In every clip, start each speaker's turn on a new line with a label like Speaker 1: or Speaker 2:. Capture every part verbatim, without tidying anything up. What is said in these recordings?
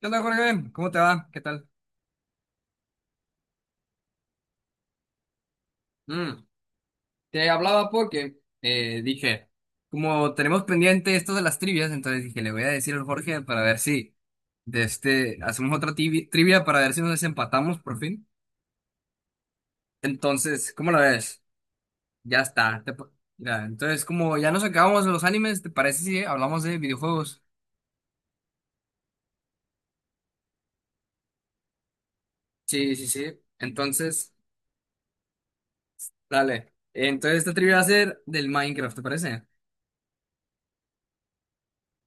Speaker 1: ¿Qué onda, Jorge? ¿Cómo te va? ¿Qué tal? Mm, te hablaba porque eh, dije, como tenemos pendiente esto de las trivias, entonces dije, le voy a decir al Jorge para ver si de este, hacemos otra tibi- trivia para ver si nos desempatamos por fin. Entonces, ¿cómo la ves? Ya está. te pa- mira, entonces, como ya nos acabamos los animes, ¿te parece si hablamos de videojuegos? Sí, sí, sí. Entonces, dale. Entonces, esta trivia va a ser del Minecraft, ¿te parece?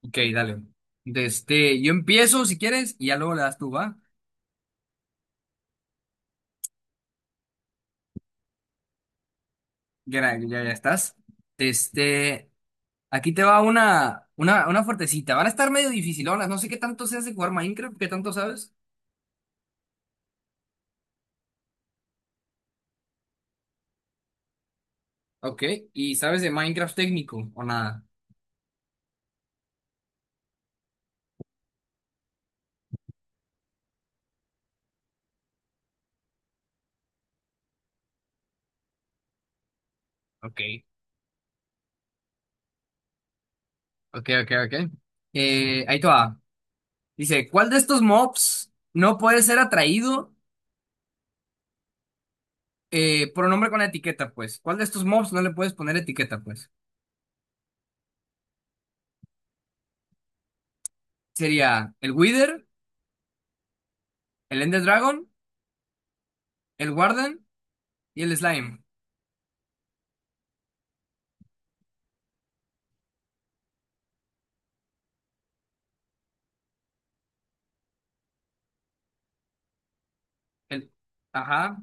Speaker 1: Ok, dale. Desde, yo empiezo si quieres y ya luego le das tú, ¿va? Ya, ya, ya estás. Este, aquí te va una, una, una fuertecita. Van a estar medio dificilonas. No sé qué tanto seas de jugar Minecraft, qué tanto sabes. Ok, ¿y sabes de Minecraft técnico o nada? Ok, ok, ok, ok. Eh, ahí te va. Dice, ¿cuál de estos mobs no puede ser atraído eh, por un nombre con etiqueta, pues? ¿Cuál de estos mobs no le puedes poner etiqueta, pues? Sería el Wither, el Ender Dragon, el Warden. Y el slime. El... Ajá.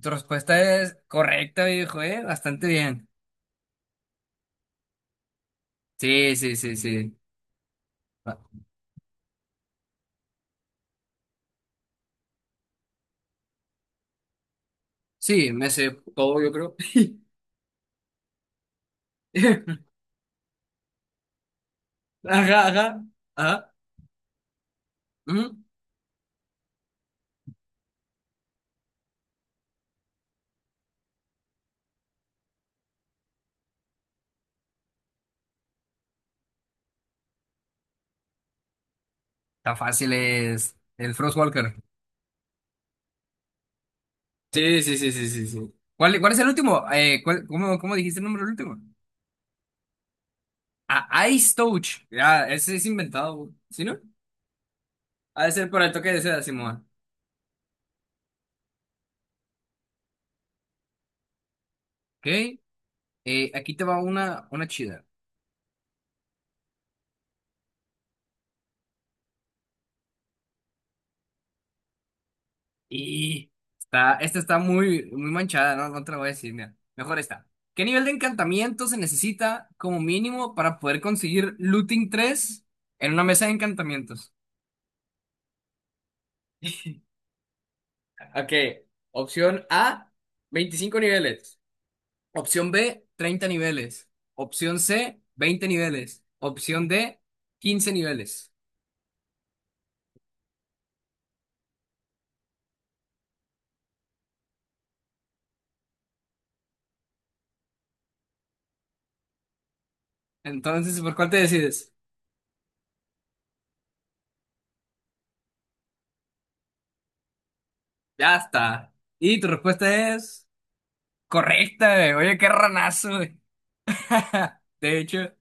Speaker 1: Tu respuesta es correcta, viejo, ¿eh? Bastante bien. Sí, sí, sí, sí. Ah, sí, me sé todo, yo creo. Ajá, ajá. Ajá. Ujú. Tan fácil es el Frostwalker. Sí, sí, sí, sí, sí, sí. ¿Cuál, cuál es el último? Eh, ¿cuál- cómo, cómo dijiste el nombre del último? Ah, Ice Touch. Ya, ese es inventado, ¿sí no? Ha de ser por el toque de seda, Simón. Ok. Eh, aquí te va una, una chida. Y está, esta está muy, muy manchada, ¿no? No te la voy a decir, mira. Mejor esta. ¿Qué nivel de encantamiento se necesita como mínimo para poder conseguir Looting tres en una mesa de encantamientos? Ok, opción A, veinticinco niveles. Opción B, treinta niveles. Opción C, veinte niveles. Opción D, quince niveles. Entonces, ¿por cuál te decides? Ya está. Y tu respuesta es correcta, güey. Oye, qué ranazo, güey. De hecho.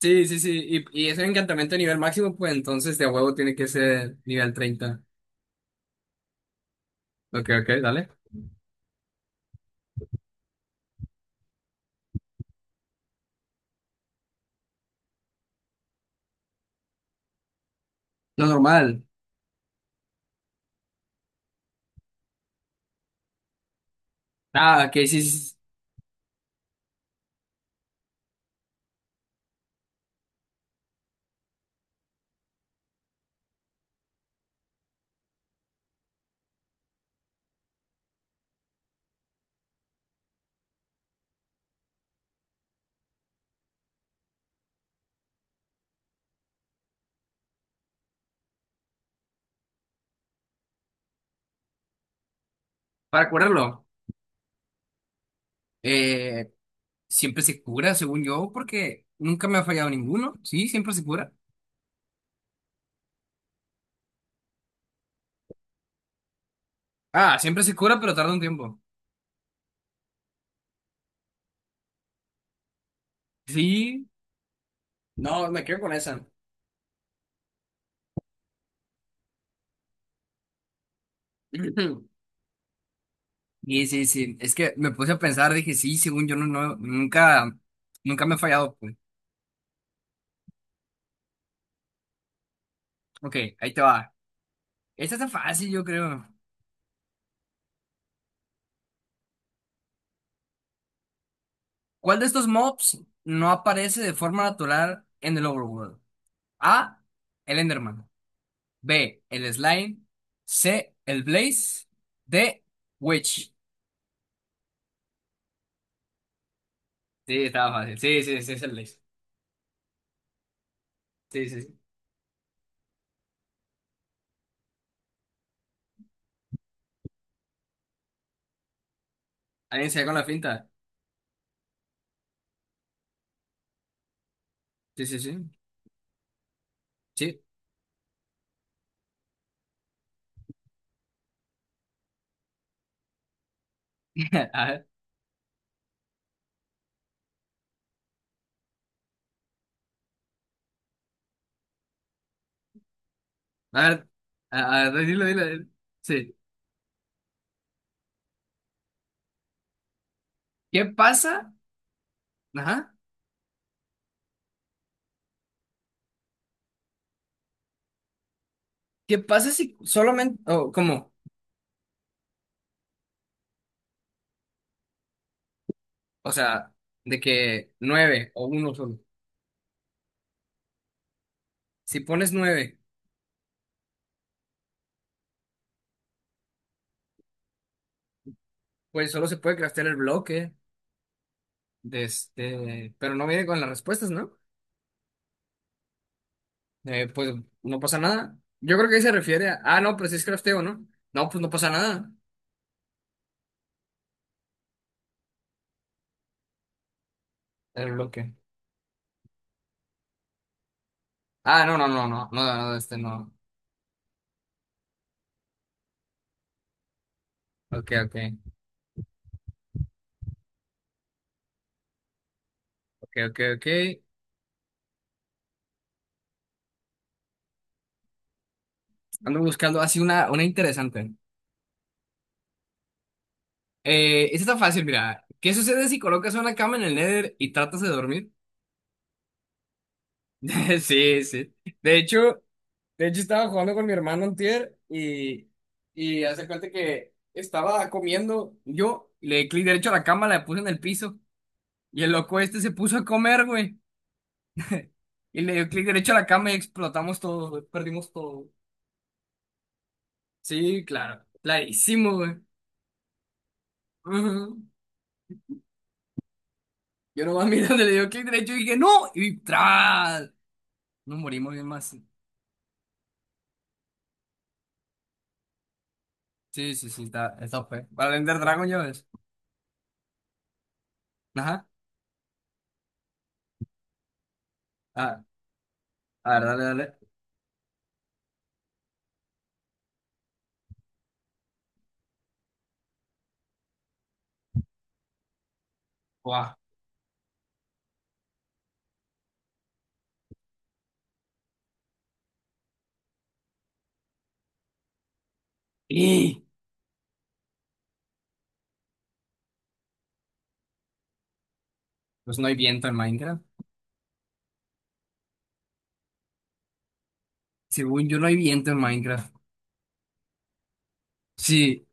Speaker 1: Sí, sí, sí. Y, y es un encantamiento a nivel máximo, pues entonces de huevo tiene que ser nivel treinta. Ok, ok, dale. Lo normal. Ah, que sí, sí, sí. Para curarlo. Eh, siempre se cura, según yo, porque nunca me ha fallado ninguno. Sí, siempre se cura. Ah, siempre se cura, pero tarda un tiempo. Sí. No, me quedo con esa. Sí, sí, sí. Es que me puse a pensar, dije, sí, según yo, no, no, nunca, nunca me ha fallado, pues. Ok, ahí te va. Esta está fácil, yo creo. ¿Cuál de estos mobs no aparece de forma natural en el Overworld? A. El Enderman. B. El Slime. C. El Blaze. D. Witch. Sí, estaba fácil. Sí, sí, sí, es el Blaze. Sí, sí, sí. ¿Alguien se da con la finta? Sí, sí, sí. Sí. A ver, a ver, a a ver, dilo, dilo. Dilo. Sí. ¿Qué pasa? Ajá. ¿Qué pasa si solamente, o cómo? O sea, de que nueve o uno solo. Si pones nueve, pues solo se puede craftear el bloque. de este, pero no viene con las respuestas, ¿no? Eh, pues no pasa nada. Yo creo que ahí se refiere a, ah, no, pues es crafteo, ¿no? No, pues no pasa nada. El bloque. Ah, no, no, no, no, no, no, este no. Ok, ok, ok, ok, ok. Ando buscando así una, una interesante. Eh, esta está fácil, mira. ¿Qué sucede si colocas una cama en el Nether y tratas de dormir? Sí, sí. De hecho, De hecho, estaba jugando con mi hermano antier y, y hace cuenta que estaba comiendo. Yo le di clic derecho a la cama, la puse en el piso. Y el loco este se puso a comer, güey. Y le dio clic derecho a la cama y explotamos todo, güey. Perdimos todo. Sí, claro. Clarísimo, güey. Ujú. Yo nomás mirando, le dio clic derecho y dije, ¡no! Y ¡tras! Nos morimos bien más. Sí, sí, sí, está, está fue. Para Ender Dragon, ya ves. Ajá. Ah, a ver, dale, dale. ¡Guau! ¡Y! Pues no hay viento en Minecraft. Según yo no hay viento en Minecraft. Sí,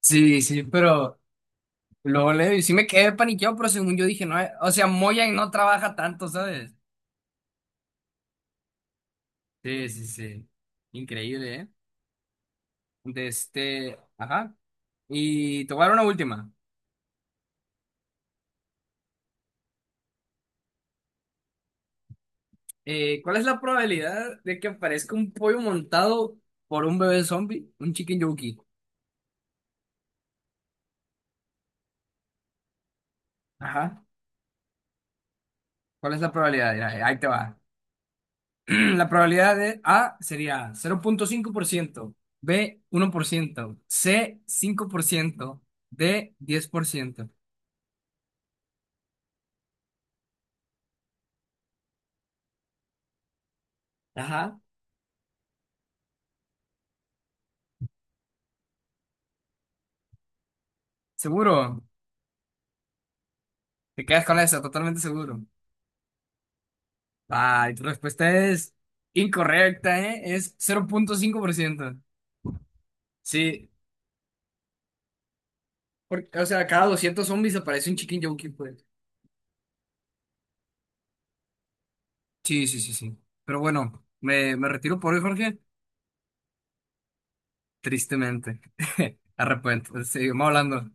Speaker 1: sí, sí, pero luego le y sí me quedé paniqueado, pero según yo dije, no, eh, o sea, Mojang no trabaja tanto, ¿sabes? Sí, sí, sí. Increíble, ¿eh? De este, ajá. Y te voy a dar una última. Eh, ¿cuál es la probabilidad de que aparezca un pollo montado por un bebé zombie, un chicken yogi? Ajá. ¿Cuál es la probabilidad? Mira, ahí te va. La probabilidad de A sería cero punto cinco por ciento, B uno por ciento, C cinco por ciento, D diez por ciento. Ajá, seguro. Te quedas con esa, totalmente seguro. Ay, tu respuesta es incorrecta, ¿eh? Es cero punto cinco por ciento. Sí, porque, o sea, cada doscientos zombies aparece un chicken jockey, pues. Sí, sí, sí, sí. Pero bueno, me, me retiro por hoy, Jorge. Tristemente. Arrepiento. Seguimos hablando.